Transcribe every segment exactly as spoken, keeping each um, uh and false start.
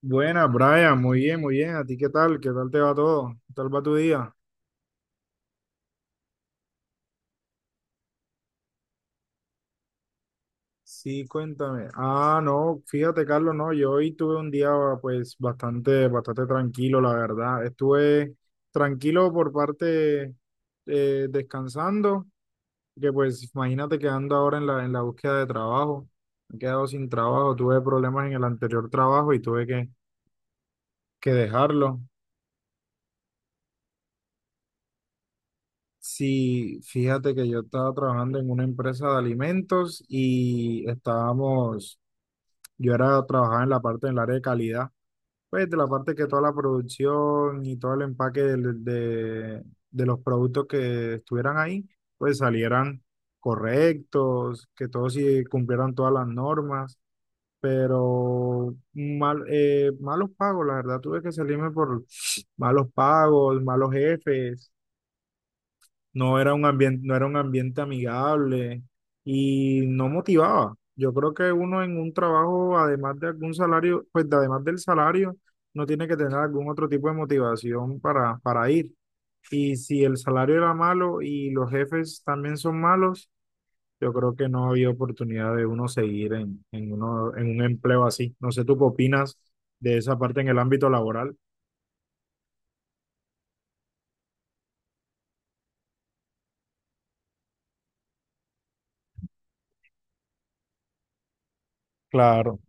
Buena, Brian, muy bien, muy bien. ¿A ti qué tal? ¿Qué tal te va todo? ¿Qué tal va tu día? Sí, cuéntame. Ah, no, fíjate, Carlos, no, yo hoy tuve un día pues bastante, bastante tranquilo, la verdad. Estuve tranquilo por parte eh, descansando, que pues imagínate que ando ahora en la, en la búsqueda de trabajo. Me he quedado sin trabajo, tuve problemas en el anterior trabajo y tuve que, que dejarlo. Sí, fíjate que yo estaba trabajando en una empresa de alimentos y estábamos, yo era trabajaba en la parte del área de calidad, pues de la parte que toda la producción y todo el empaque del- de, de los productos que estuvieran ahí, pues salieran correctos, que todos sí cumplieran todas las normas, pero mal, eh, malos pagos, la verdad, tuve que salirme por malos pagos, malos jefes. No era un ambiente, no era un ambiente amigable y no motivaba. Yo creo que uno en un trabajo, además de algún salario, pues de- además del salario, no tiene que tener algún otro tipo de motivación para, para ir. Y si el salario era malo y los jefes también son malos, yo creo que no había oportunidad de uno seguir en, en uno, en un empleo así. No sé, ¿tú qué opinas de esa parte en el ámbito laboral? Claro,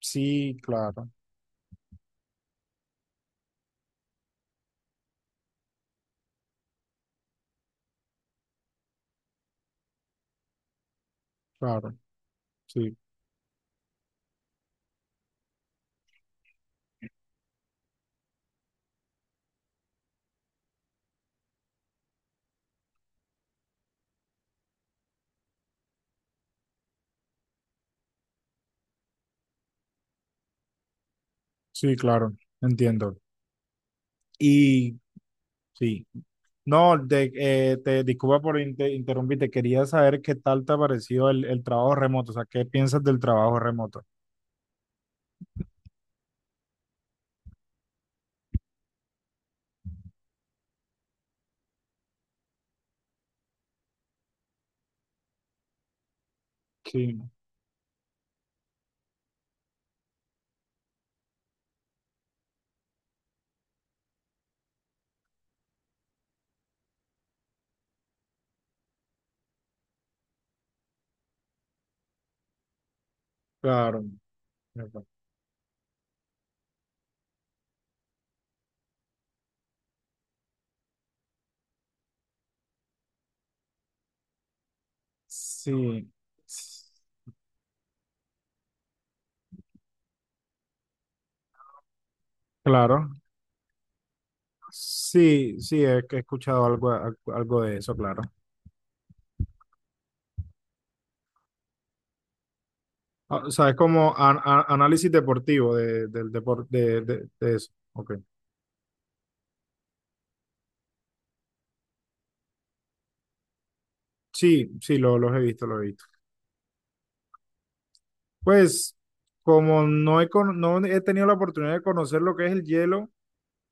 sí, claro, claro, sí, sí, claro, entiendo. Y sí, no, de- eh, te disculpa por inter- interrumpirte, quería saber qué tal te ha parecido el, el trabajo remoto, o sea, ¿qué piensas del trabajo remoto? Sí, claro. Claro. Sí, s- claro. Sí, sí, he, he escuchado algo, al- algo de eso, claro. Ah, o sea, es como an- a- análisis deportivo de, del deporte, de, de- de eso. Ok. Sí, sí, lo, los he visto, los he visto. Pues, como no he, cono- no he tenido la oportunidad de conocer lo que es el hielo,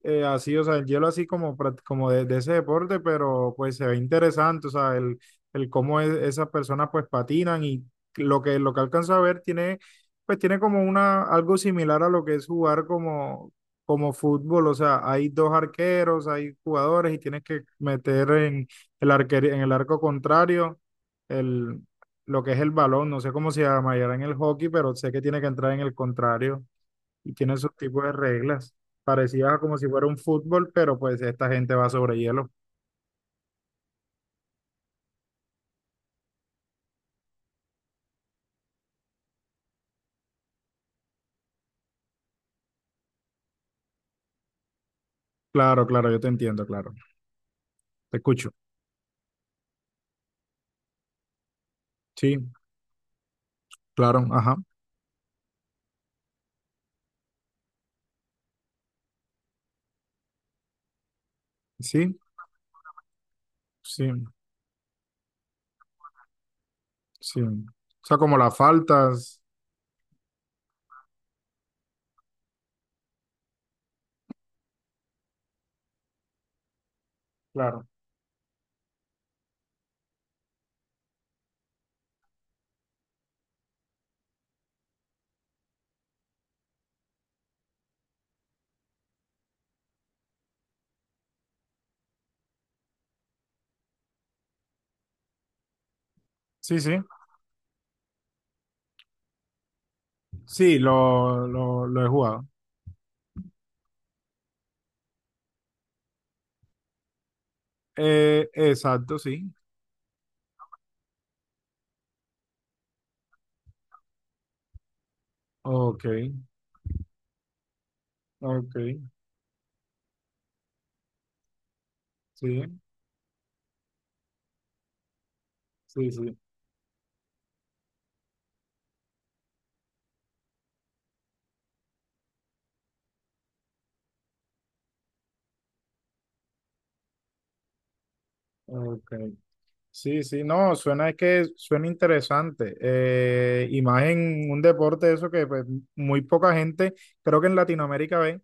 eh, así, o sea, el hielo así como, prac- como de, de ese deporte, pero pues se ve interesante, o sea, el, el cómo es- esas personas pues patinan y lo que, lo que alcanzo a ver tiene, pues tiene como una, algo similar a lo que es jugar como, como fútbol, o sea, hay dos arqueros, hay jugadores y tienes que meter en el arquer- en el arco contrario el, lo que es el balón, no sé cómo se llamará en el hockey, pero sé que tiene que entrar en el contrario y tiene su tipos de reglas, parecidas a como si fuera un fútbol, pero pues esta gente va sobre hielo. Claro, claro, yo te entiendo, claro. Te escucho. Sí, claro, ajá. Sí, sí, sí. O sea, como las faltas. Claro. Sí, sí. Sí, lo, lo, lo he jugado. Eh, exacto, sí. Ok, ok, sí, sí, sí. Ok. Sí, sí, no, suena es que suena interesante. Eh, y más en un deporte de eso que pues, muy poca gente, creo que en Latinoamérica ve.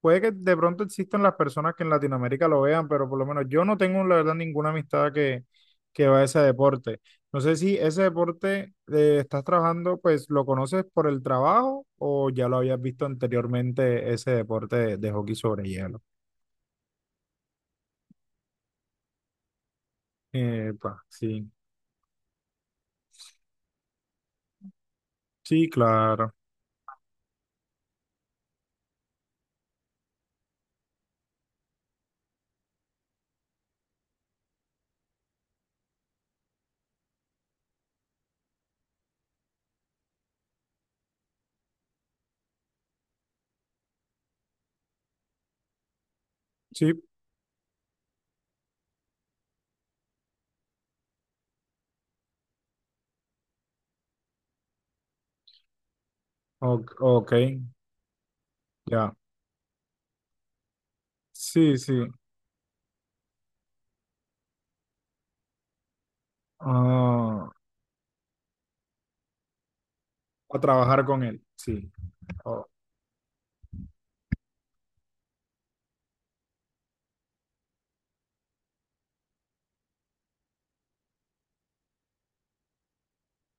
Puede que de pronto existan las personas que en Latinoamérica lo vean, pero por lo menos yo no tengo, la verdad, ninguna amistad que, que va a ese deporte. No sé si ese deporte eh, estás trabajando, pues lo conoces por el trabajo o ya lo habías visto anteriormente, ese deporte de, de hockey sobre hielo. Epa, sí, sí, claro. Sí, o- ok, ya. Sí, sí. Ah, a trabajar con él, sí. Oh.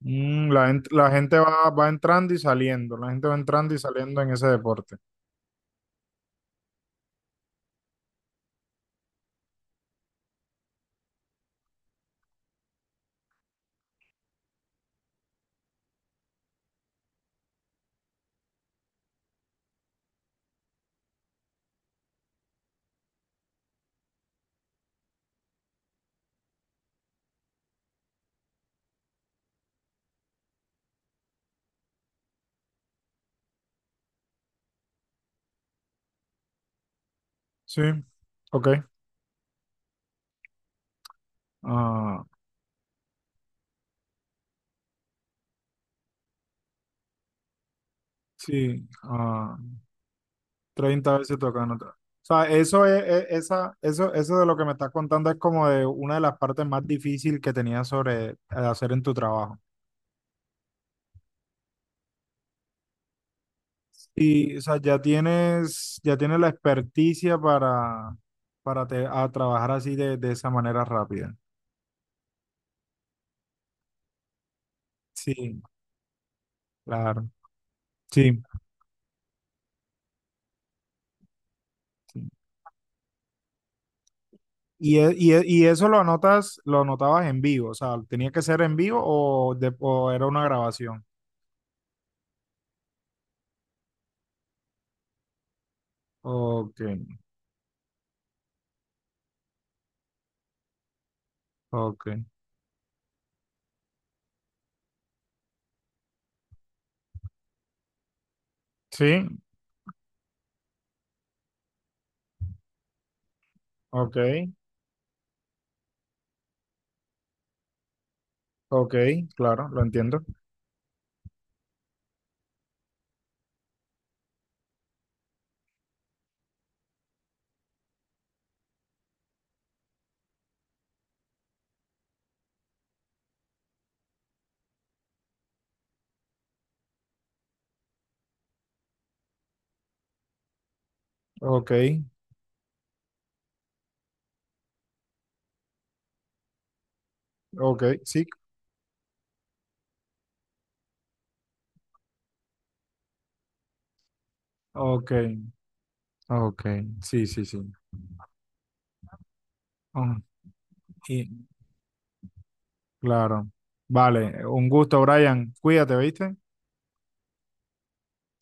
Mm, la, gent- la gente va, va entrando y saliendo, la gente va entrando y saliendo en ese deporte. Sí, ok. Ah, sí, ah, treinta veces tocando. O sea, eso es, es- esa, eso, eso de lo que me estás contando es como de una de las partes más difíciles que tenías sobre eh, hacer en tu trabajo. Y, o sea, ya tienes, ya tienes la experticia para, para te- a trabajar así de, de esa manera rápida. Sí, claro. Sí. Sí. Y, e- y, e- y eso lo anotas, lo anotabas en vivo, o sea, tenía que ser en vivo o, de- o era una grabación. Ok, ok. Sí, ok, ok, claro, lo entiendo. Ok, ok, sí, ok, ok, sí, sí, sí. Ah, y- claro. Vale, un gusto, Brian. Cuídate, ¿viste?